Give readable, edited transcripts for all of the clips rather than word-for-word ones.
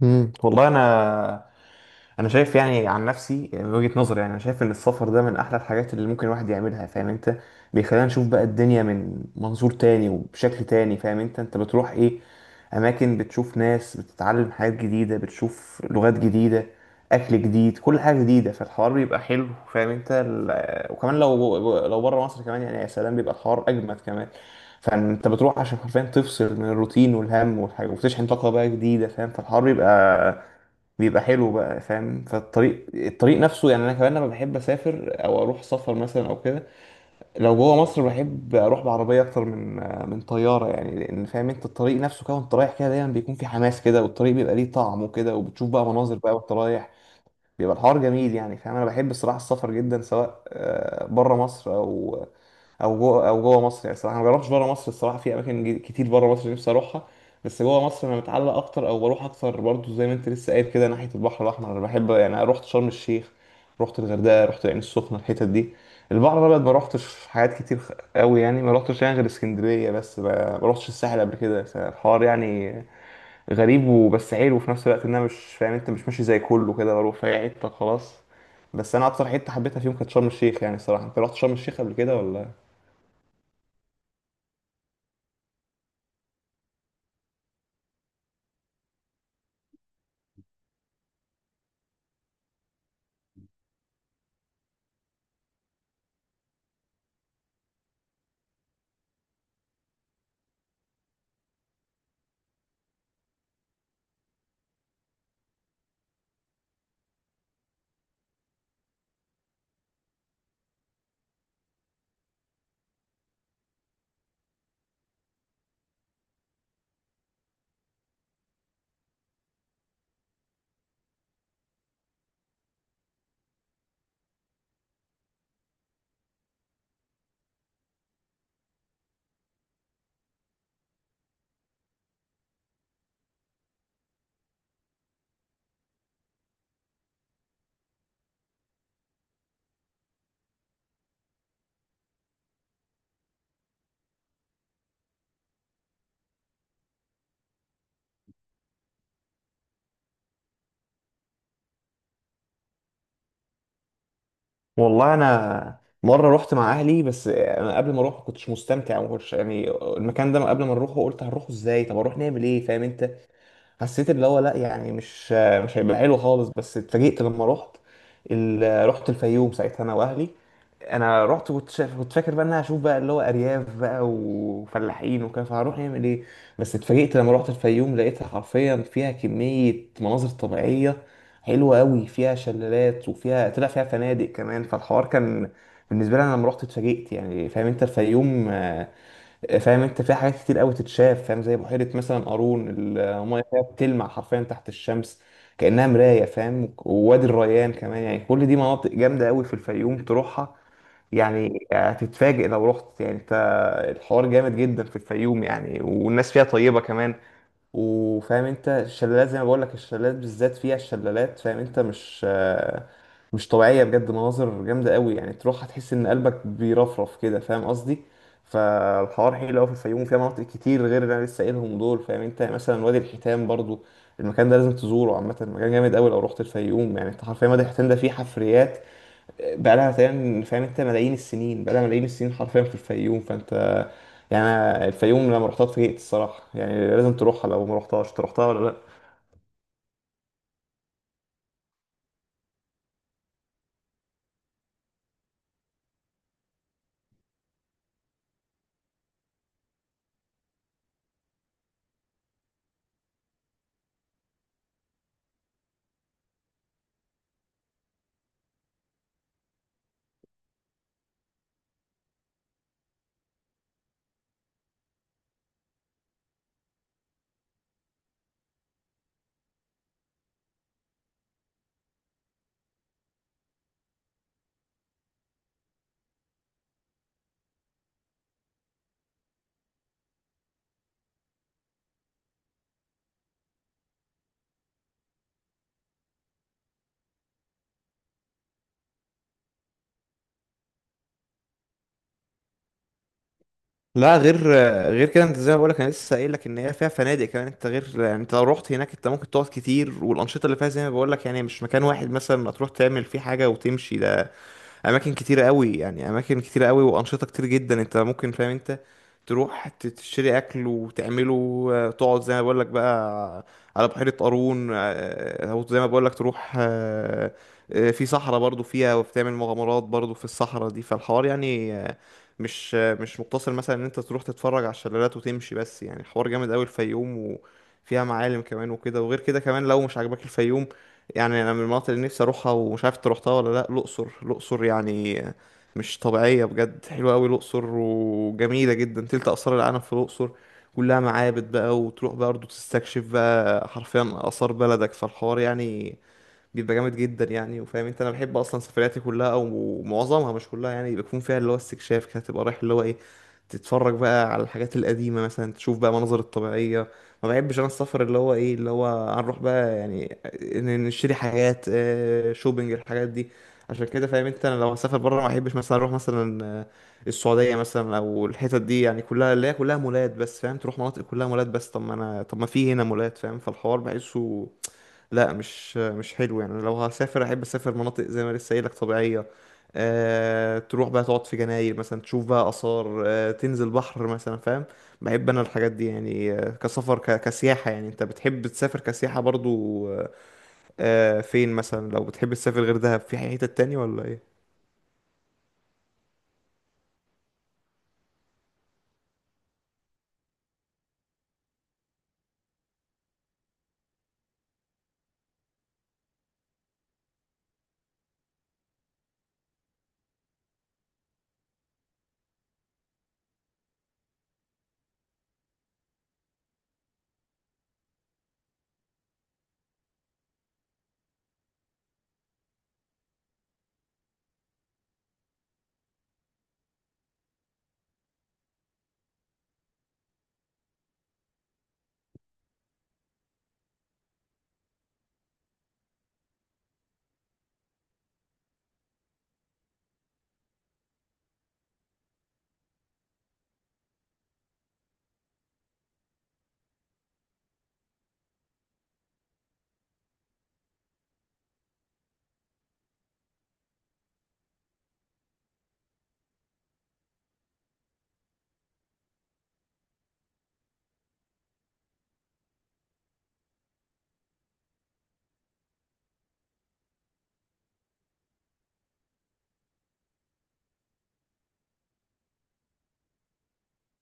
مم. والله انا شايف، يعني عن نفسي من وجهة نظري، يعني انا شايف ان السفر ده من احلى الحاجات اللي ممكن الواحد يعملها، فاهم انت؟ بيخلينا نشوف بقى الدنيا من منظور تاني وبشكل تاني، فاهم انت بتروح ايه، اماكن، بتشوف ناس، بتتعلم حاجات جديدة، بتشوف لغات جديدة، اكل جديد، كل حاجة جديدة، فالحوار بيبقى حلو، فاهم انت؟ وكمان لو بره مصر كمان، يعني يا سلام، بيبقى الحوار اجمد كمان. فانت بتروح عشان حرفيا تفصل من الروتين والهم والحاجة وتشحن طاقة بقى جديدة، فاهم؟ فالحوار بيبقى حلو بقى، فاهم؟ فالطريق نفسه، يعني انا كمان لما بحب اسافر او اروح سفر مثلا او كده، لو جوه مصر بحب اروح بعربيه اكتر من طياره، يعني لان فاهم انت الطريق نفسه كده، وانت رايح كده دايما بيكون في حماس كده، والطريق بيبقى ليه طعم وكده، وبتشوف بقى مناظر بقى وانت رايح، بيبقى الحوار جميل يعني فاهم. انا بحب الصراحه السفر جدا، سواء بره مصر او جوه مصر، يعني الصراحه أنا ما جربتش بره مصر الصراحه. في اماكن كتير بره مصر نفسي اروحها، بس جوه مصر انا متعلق اكتر او بروح اكتر برضو، زي ما انت لسه قايل كده. ناحيه البحر الاحمر انا بحب، يعني أنا رحت شرم الشيخ، رحت الغردقه، رحت العين السخنه، الحتت دي. البحر الابيض ما رحتش حاجات كتير قوي، يعني ما رحتش، يعني غير اسكندريه بس، ما رحتش الساحل قبل كده، فالحوار يعني غريب وبس حلو في نفس الوقت، ان انا مش فاهم انت، مش ماشي زي كله كده، بروح في أي حته خلاص. بس انا اكتر حته حبيتها فيهم كانت شرم الشيخ، يعني الصراحه. انت رحت شرم الشيخ قبل كده ولا؟ والله انا مره رحت مع اهلي، بس انا قبل ما اروح ما كنتش مستمتع وما كنتش يعني، المكان ده قبل ما نروحه قلت هنروحه ازاي، طب اروح نعمل ايه؟ فاهم انت؟ حسيت اللي هو لا، يعني مش هيبقى حلو خالص، بس اتفاجئت لما رحت الفيوم ساعتها انا واهلي. انا رحت كنت شايف، كنت فاكر بقى ان انا هشوف بقى اللي هو ارياف بقى وفلاحين وكده، فهروح نعمل ايه؟ بس اتفاجئت لما رحت الفيوم، لقيتها حرفيا فيها كمية مناظر طبيعية حلوة قوي، فيها شلالات وفيها، طلع فيها فنادق كمان، فالحوار كان بالنسبة لي انا لما رحت اتفاجئت، يعني فاهم انت الفيوم، فاهم انت في حاجات كتير قوي تتشاف، فاهم؟ زي بحيره مثلا قارون، المايه فيها بتلمع حرفيا تحت الشمس كانها مرايه، فاهم؟ ووادي الريان كمان، يعني كل دي مناطق جامده قوي في الفيوم تروحها. يعني هتتفاجئ لو رحت، يعني انت الحوار جامد جدا في الفيوم، يعني والناس فيها طيبه كمان. وفاهم انت الشلالات، زي ما بقول لك الشلالات بالذات، فيها الشلالات، فاهم انت مش طبيعية بجد، مناظر جامدة قوي، يعني تروح هتحس ان قلبك بيرفرف كده فاهم قصدي. فالحوار حلو قوي في الفيوم، فيها مناطق كتير غير اللي انا لسه قايلهم دول، فاهم انت؟ يعني مثلا وادي الحيتان برضو، المكان ده لازم تزوره عامة، مكان جامد قوي لو رحت الفيوم يعني انت حرفيا. وادي الحيتان ده فيه حفريات بقى لها تقريبا فاهم انت ملايين السنين، بقى لها ملايين السنين حرفيا في الفيوم. فانت يعني، أنا الفيوم لما رحتها اتفاجئت الصراحه، يعني لازم تروحها لو ما رحتهاش. انت رحتها ولا لا؟ لا غير كده، انت زي ما بقولك انا لسه قايل لك ان هي فيها فنادق كمان، انت غير يعني انت لو رحت هناك انت ممكن تقعد كتير، والانشطه اللي فيها زي ما بقولك يعني مش مكان واحد مثلا ما تروح تعمل فيه حاجه وتمشي ده، اماكن كتيره قوي يعني، اماكن كتيره قوي، وانشطه كتير جدا انت ممكن فاهم انت تروح تشتري اكل وتعمله، تقعد زي ما بقول لك بقى على بحيره قارون، او زي ما بقول لك تروح، في صحراء برضو فيها وبتعمل مغامرات برضو في الصحراء دي. فالحوار يعني مش مقتصر مثلا ان انت تروح تتفرج على الشلالات وتمشي بس، يعني الحوار جامد قوي الفيوم، وفيها معالم كمان وكده. وغير كده كمان، لو مش عاجبك الفيوم، يعني انا من المناطق اللي نفسي اروحها ومش عارف انت روحتها ولا لا، الاقصر. الاقصر يعني مش طبيعيه بجد، حلوه قوي الاقصر وجميله جدا، تلت اثار العالم في الاقصر، كلها معابد بقى، وتروح برضه تستكشف بقى حرفيا اثار بلدك، فالحوار يعني بيبقى جامد جدا يعني. وفاهم انت انا بحب اصلا سفرياتي كلها او معظمها مش كلها، يعني بيكون فيها اللي هو استكشاف كده، تبقى رايح اللي هو ايه، تتفرج بقى على الحاجات القديمة مثلا، تشوف بقى مناظر الطبيعية. ما بحبش انا السفر اللي هو ايه اللي هو هنروح بقى يعني نشتري حاجات، شوبينج الحاجات دي. عشان كده فاهم انت، انا لو هسافر بره ما بحبش مثلا اروح مثلا، السعودية مثلا او الحتت دي يعني، كلها اللي هي كلها مولات بس، فاهم؟ تروح مناطق كلها مولات بس، طب ما في هنا مولات، فاهم؟ فالحوار بحسه لا، مش حلو يعني. لو هسافر احب اسافر مناطق زي ما لسه قايلك طبيعيه، تروح بقى تقعد في جناير مثلا، تشوف بقى اثار، تنزل بحر مثلا فاهم. بحب انا الحاجات دي يعني، كسفر كسياحه، يعني انت بتحب تسافر كسياحه برضو؟ فين مثلا لو بتحب تسافر غير دهب، في حتت تانية ولا ايه؟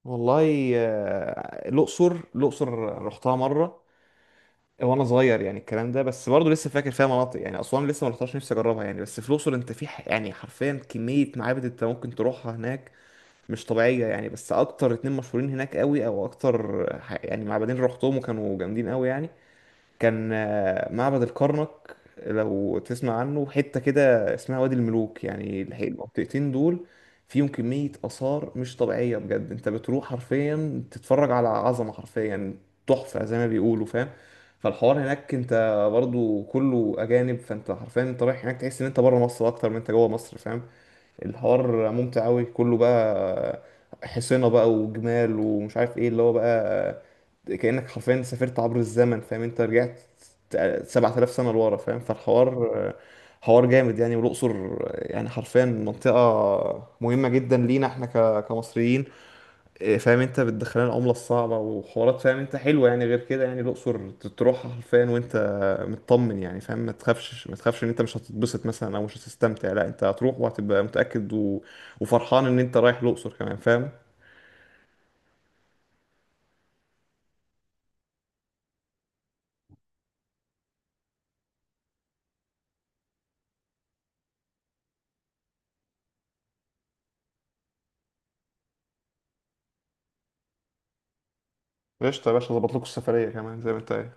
والله الأقصر، الأقصر رحتها مرة وانا صغير، يعني الكلام ده. بس برضه لسه فاكر فيها مناطق، يعني اسوان لسه ما رحتهاش، نفسي اجربها يعني. بس في الاقصر انت في يعني حرفيا كميه معابد انت ممكن تروحها هناك، مش طبيعيه يعني. بس اكتر اتنين مشهورين هناك قوي، او اكتر يعني معبدين، رحتهم وكانوا جامدين قوي يعني. كان معبد الكرنك، لو تسمع عنه، حتة كده اسمها وادي الملوك. يعني المنطقتين دول فيهم كمية آثار مش طبيعية بجد، انت بتروح حرفيا تتفرج على عظمة حرفيا، تحفة زي ما بيقولوا فاهم. فالحوار هناك، انت برضو كله أجانب، فانت حرفيا انت رايح هناك تحس ان انت بره مصر اكتر من انت جوه مصر، فاهم؟ الحوار ممتع قوي كله بقى، حصينة بقى وجمال ومش عارف ايه اللي هو بقى، كأنك حرفيا سافرت عبر الزمن فاهم انت. رجعت 7,000 سنة لورا، فاهم؟ فالحوار حوار جامد يعني. والأقصر يعني حرفيا منطقة مهمة جدا لينا احنا كمصريين، إيه، فاهم انت بتدخلنا العملة الصعبة وحوارات، فاهم انت حلوة يعني. غير كده يعني الأقصر تروح حرفيا وانت مطمن، يعني فاهم ما تخافش ما تخافش ان انت مش هتتبسط مثلا او مش هتستمتع. لا، انت هتروح وهتبقى متأكد، وفرحان ان انت رايح الأقصر كمان، فاهم؟ قشطة يا باشا، ظبط لكم السفرية كمان زي ما انت